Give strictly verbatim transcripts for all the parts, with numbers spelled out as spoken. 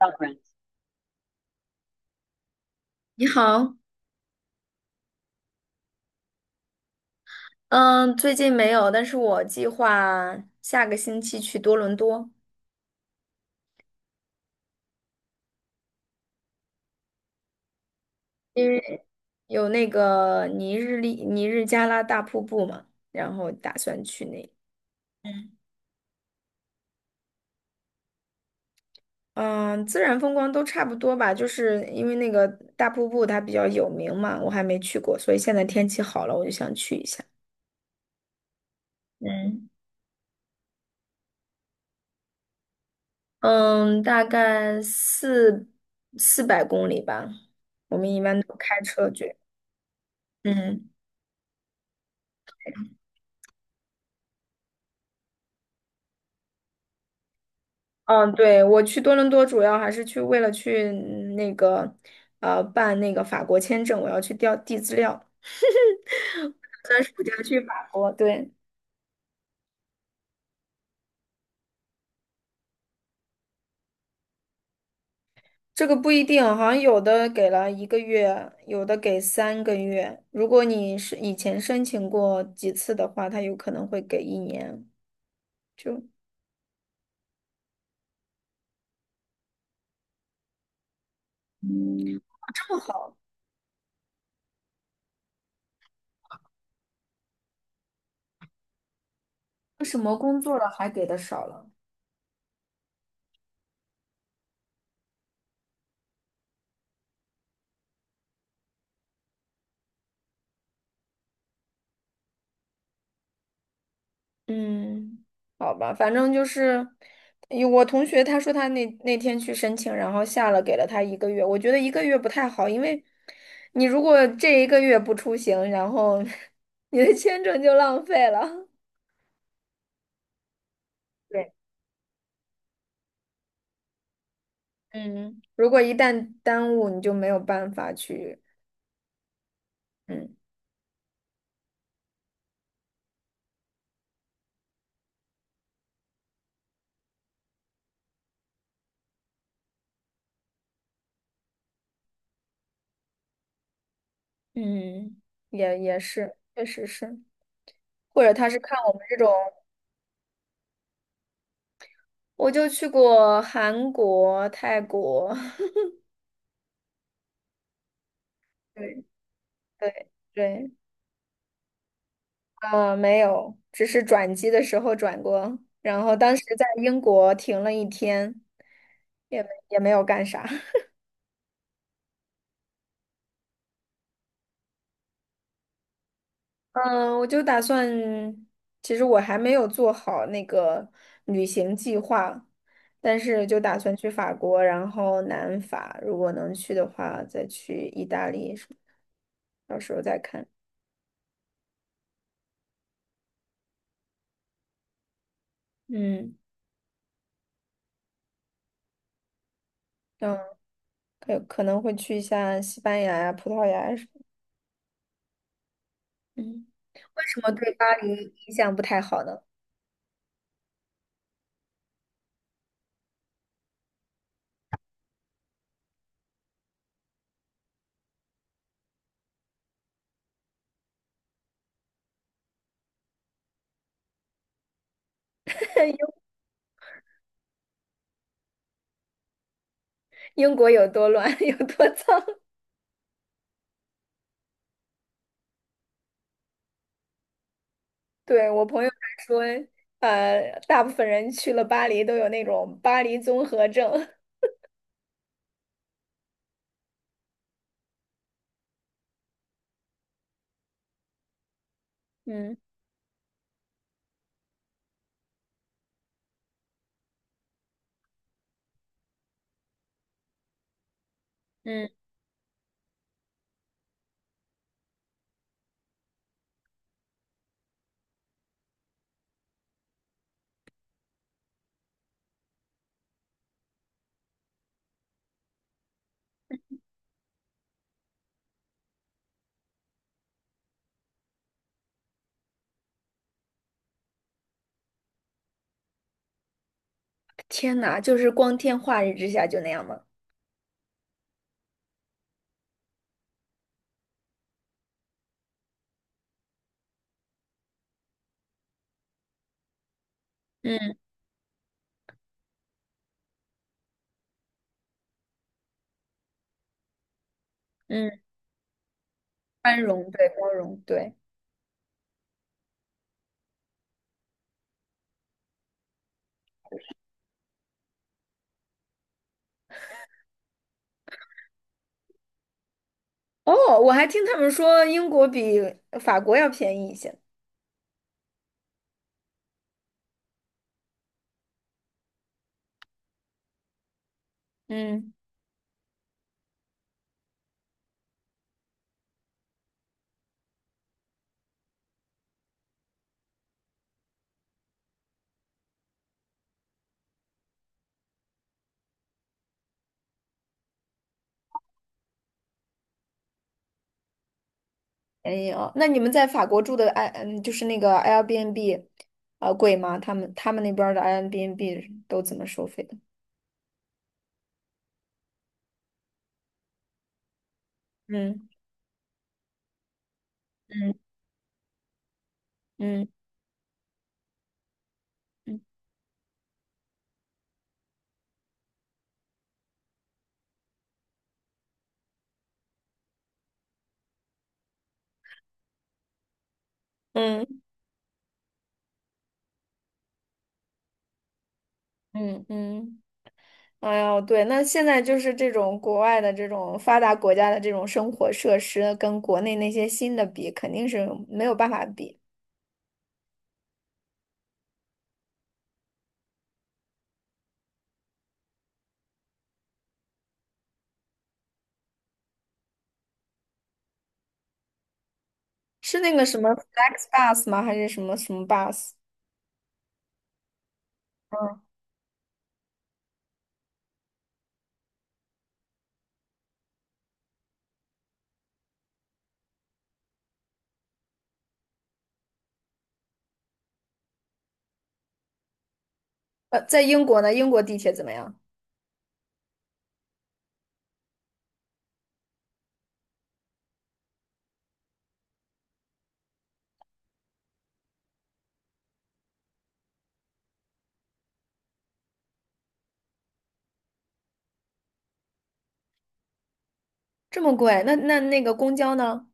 要不然你好，嗯，最近没有，但是我计划下个星期去多伦多，因为有那个尼日利尼日加拉大瀑布嘛，然后打算去那里。嗯。嗯。自然风光都差不多吧，就是因为那个大瀑布它比较有名嘛，我还没去过，所以现在天气好了，我就想去一下。嗯。嗯，大概四四百公里吧，我们一般都开车去。嗯。嗯，对，我去多伦多主要还是去为了去嗯那个，呃，办那个法国签证，我要去调递资料，打算暑假去法国。对。这个不一定，好像有的给了一个月，有的给三个月。如果你是以前申请过几次的话，他有可能会给一年。就这么好。为什么工作了还给的少了？嗯，好吧，反正就是，有我同学他说他那那天去申请，然后下了给了他一个月，我觉得一个月不太好，因为你如果这一个月不出行，然后 你的签证就浪费了。对。嗯，如果一旦耽误，你就没有办法去。嗯。嗯，也也是，确实是。或者他是看我们这种，我就去过韩国、泰国，对。对对。呃，没有，只是转机的时候转过，然后当时在英国停了一天，也没也没有干啥。嗯，我就打算，其实我还没有做好那个旅行计划，但是就打算去法国，然后南法，如果能去的话，再去意大利什么的，到时候再看。嗯。嗯，可可能会去一下西班牙呀、葡萄牙呀什么。嗯，为什么对巴黎印象不太好呢？英国有多乱，有多脏。对，我朋友还说，呃，大部分人去了巴黎都有那种巴黎综合症。嗯。嗯，天呐，就是光天化日之下就那样吗？嗯。嗯，宽容，对，包容，对。哦，我还听他们说英国比法国要便宜一些。嗯，便宜哦。那你们在法国住的 i 嗯，就是那个 Airbnb，啊，贵吗？他们他们那边儿的 Airbnb 都怎么收费的？嗯。嗯。嗯。嗯。嗯。嗯。嗯。哎呦，对，那现在就是这种国外的这种发达国家的这种生活设施，跟国内那些新的比，肯定是没有办法比。是那个什么 FlexBus 吗？还是什么什么 bus？嗯。呃，在英国呢，英国地铁怎么样？这么贵？那那那个公交呢？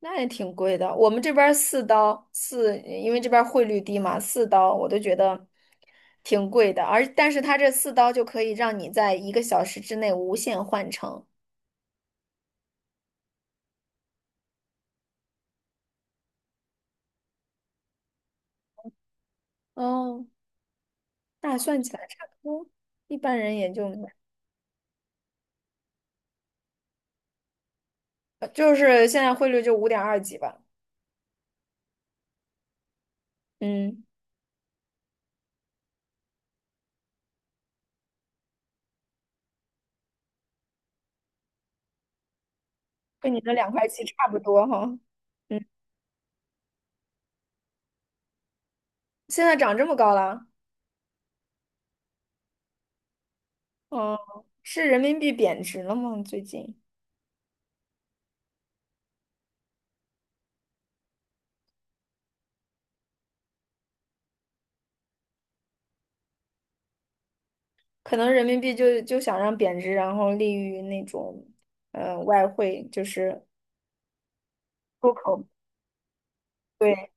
那也挺贵的。我们这边儿四刀四，因为这边儿汇率低嘛，四刀我都觉得挺贵的。而但是它这四刀就可以让你在一个小时之内无限换乘。哦，那算起来差不多，一般人也就呃就是现在汇率就五点二几吧。嗯，跟你的两块七差不多哈。嗯，现在涨这么高了。哦，是人民币贬值了吗？最近可能人民币就就想让贬值，然后利于那种呃外汇，就是出口。对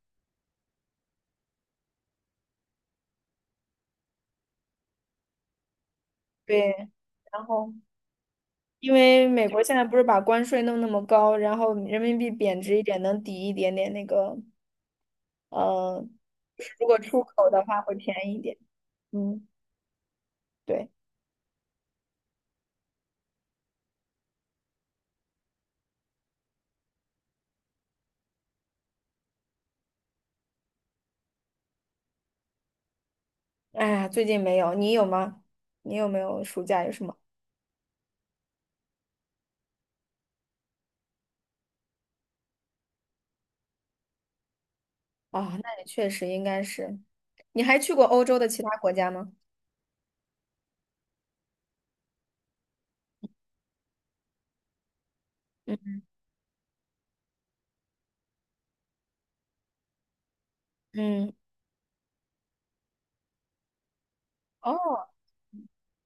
对，然后。因为美国现在不是把关税弄那么高，然后人民币贬值一点，能抵一点点那个呃，如果出口的话会便宜一点。嗯，对。哎呀，最近没有，你有吗？你有没有暑假有什么？啊、那你确实应该是。你还去过欧洲的其他国家吗？嗯。嗯，哦，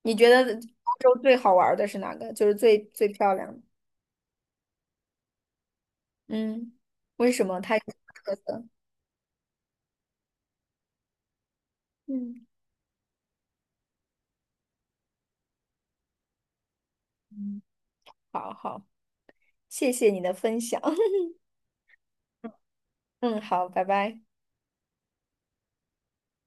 你觉得欧洲最好玩儿的是哪个？就是最最漂亮的。嗯，为什么？它有什么特色？嗯。嗯，好好，谢谢你的分享。嗯，好，拜拜。